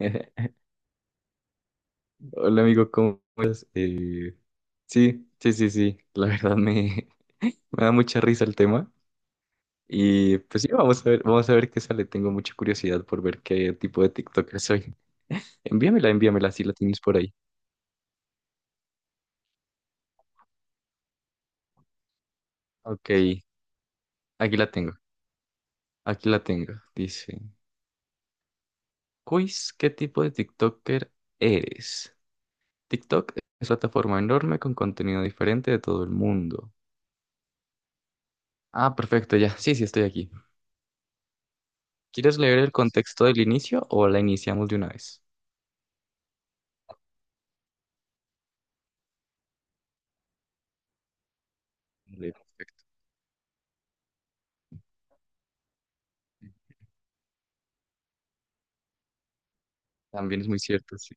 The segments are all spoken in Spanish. Hola amigo, ¿cómo estás? Sí, sí, sí, sí, la verdad. Me da mucha risa el tema y pues sí, vamos a ver qué sale, tengo mucha curiosidad por ver qué tipo de TikToker soy. Envíamela, envíamela si la tienes por ahí. Ok, aquí la tengo, aquí la tengo, dice, quiz, ¿qué tipo de TikToker eres? TikTok es una plataforma enorme con contenido diferente de todo el mundo. Ah, perfecto, ya, sí, sí, estoy aquí. ¿Quieres leer el contexto del inicio o la iniciamos de una vez? Vale, perfecto. También es muy cierto, sí.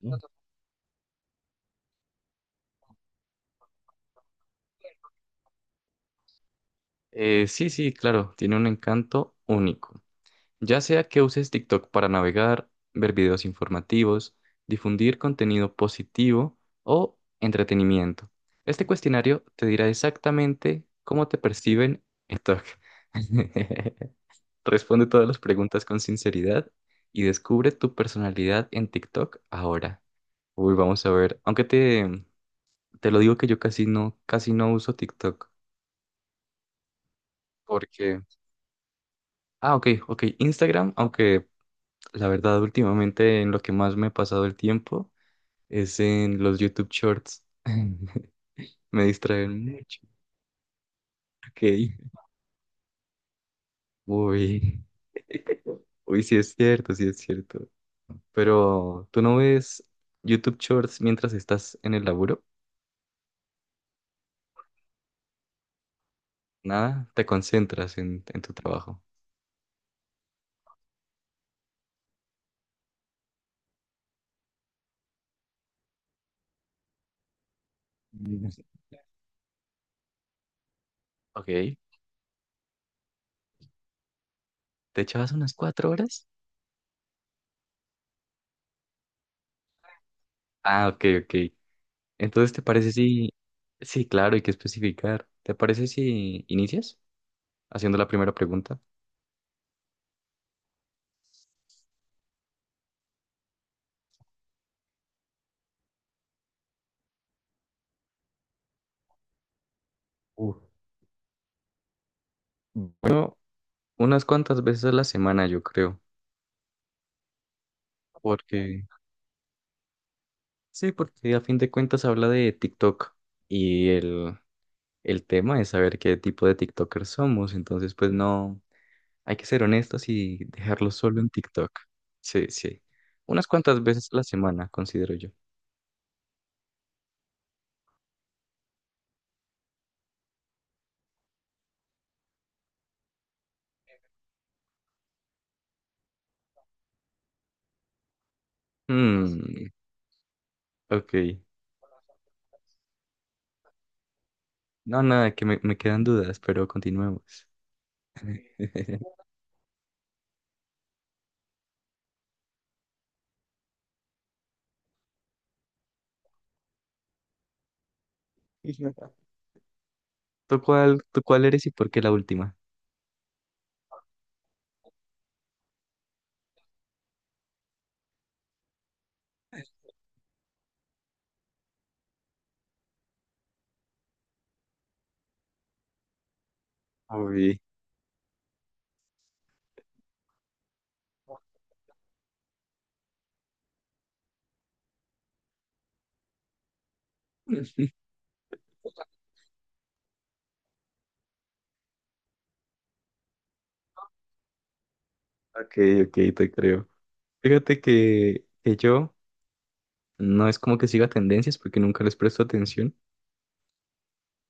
¿No? Sí, sí, claro, tiene un encanto único. Ya sea que uses TikTok para navegar, ver videos informativos, difundir contenido positivo o entretenimiento. Este cuestionario te dirá exactamente cómo te perciben en TikTok. Responde todas las preguntas con sinceridad y descubre tu personalidad en TikTok ahora. Uy, vamos a ver. Aunque te lo digo que yo casi no uso TikTok. Porque. Ah, ok, ok. Instagram, aunque la verdad, últimamente en lo que más me he pasado el tiempo es en los YouTube Shorts. Me distraen mucho. Ok. Uy. Uy, sí es cierto, sí es cierto. Pero, ¿tú no ves YouTube Shorts mientras estás en el laburo? Nada, te concentras en tu trabajo. Mm. Ok. ¿Te echabas unas cuatro horas? Ah, ok, ok. Entonces, ¿te parece si... Sí, claro, hay que especificar. ¿Te parece si inicias haciendo la primera pregunta? Uf, bueno, unas cuantas veces a la semana, yo creo, porque sí, porque a fin de cuentas habla de TikTok y el tema es saber qué tipo de TikTokers somos, entonces pues no, hay que ser honestos y dejarlo solo en TikTok. Sí, sí, unas cuantas veces a la semana, considero yo. Hmm, ok, no, nada, que me quedan dudas, pero continuemos. Tú cuál eres y por qué la última? Uy, ok, ok, te creo. Fíjate que yo no es como que siga tendencias porque nunca les presto atención.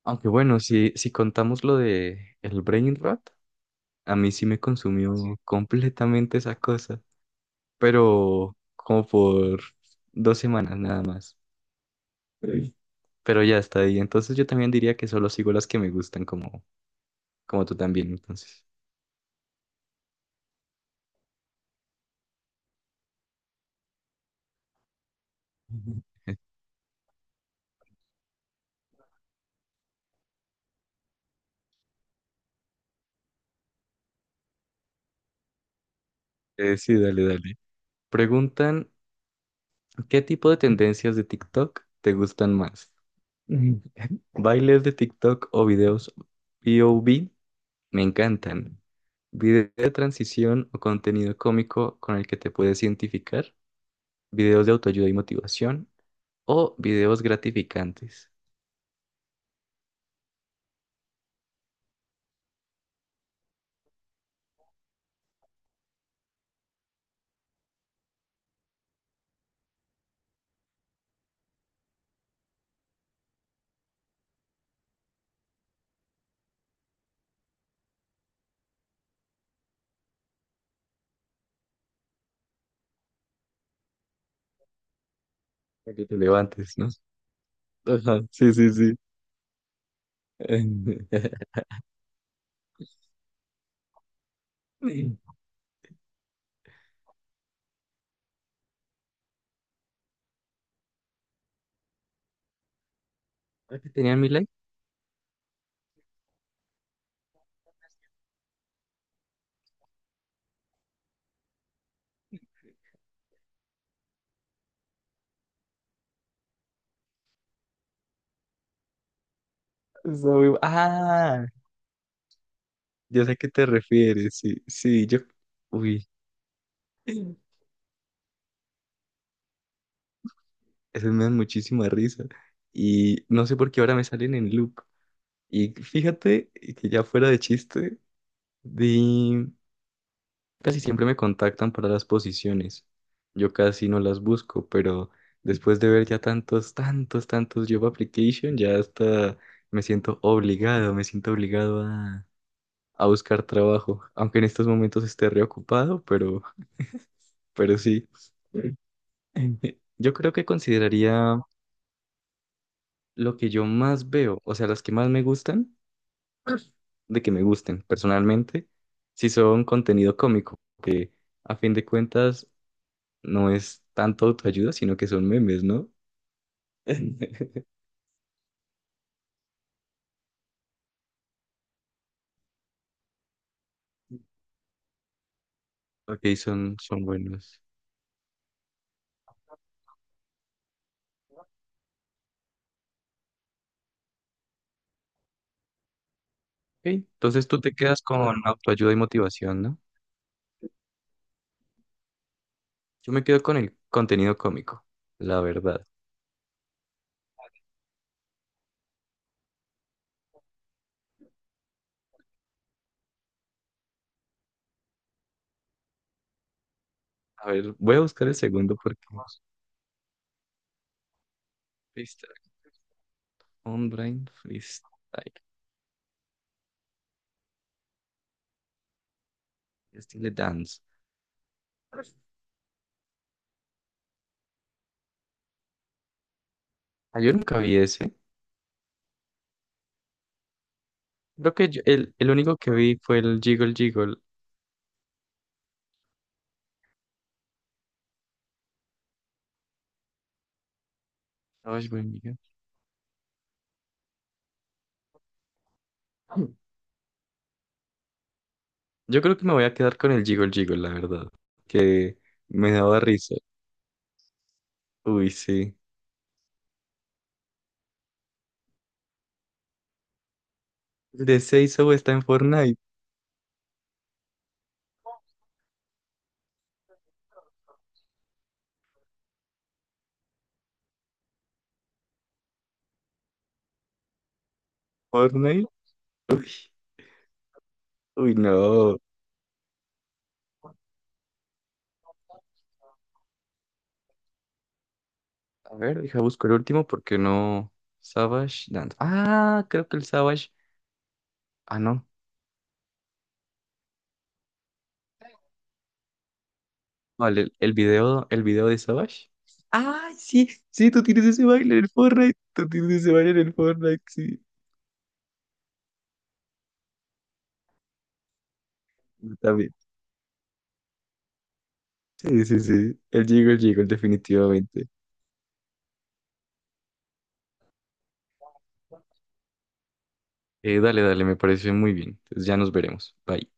Aunque bueno, si contamos lo de el brain rot, a mí sí me consumió Sí. completamente esa cosa. Pero como por dos semanas nada más. Sí. Pero ya está ahí. Entonces yo también diría que solo sigo las que me gustan como, como tú también, entonces. Sí, dale, dale. Preguntan, ¿qué tipo de tendencias de TikTok te gustan más? Mm. ¿Bailes de TikTok o videos POV? Me encantan. ¿Video de transición o contenido cómico con el que te puedes identificar? ¿Videos de autoayuda y motivación? ¿O videos gratificantes? Para que te levantes, ¿no? Ajá, sí, sí, sí. ¿A qué tenían mi like? Soy- ah, yo sé a qué te refieres, sí, sí, yo... Uy. Esas me dan muchísima risa. Y no sé por qué ahora me salen en loop. Y fíjate que ya fuera de chiste, de... casi siempre me contactan para las posiciones. Yo casi no las busco, pero después de ver ya tantos, tantos, tantos job application, ya hasta me siento obligado a buscar trabajo. Aunque en estos momentos esté reocupado, pero sí. Yo creo que consideraría lo que yo más veo, o sea, las que más me gustan, de que me gusten personalmente, si son contenido cómico, que a fin de cuentas no es tanto autoayuda, sino que son memes, ¿no? Ok, son, son buenos. Ok, entonces tú te quedas con autoayuda y motivación, ¿no? Yo me quedo con el contenido cómico, la verdad. A ver, voy a buscar el segundo porque... Freestyle, online freestyle, estilo dance. Ah, yo nunca vi ese. Creo que el único que vi fue el Jiggle Jiggle. Ay, buen día. Yo creo que me voy a quedar con el Jiggle Jiggle, la verdad. Que me daba risa. Uy, sí. El de Seizo está en Fortnite. Fortnite. Uy, no. A ver, deja busco el último porque no. Savage Dance. Ah, creo que el Savage. Ah, no. Vale, el video de Savage. Ah, sí, sí, tú tienes ese baile en el Fortnite. Tú tienes ese baile en el Fortnite, sí. Yo también. Sí, sí, sí. El Jiggle, definitivamente. Dale, dale, me parece muy bien. Entonces ya nos veremos. Bye.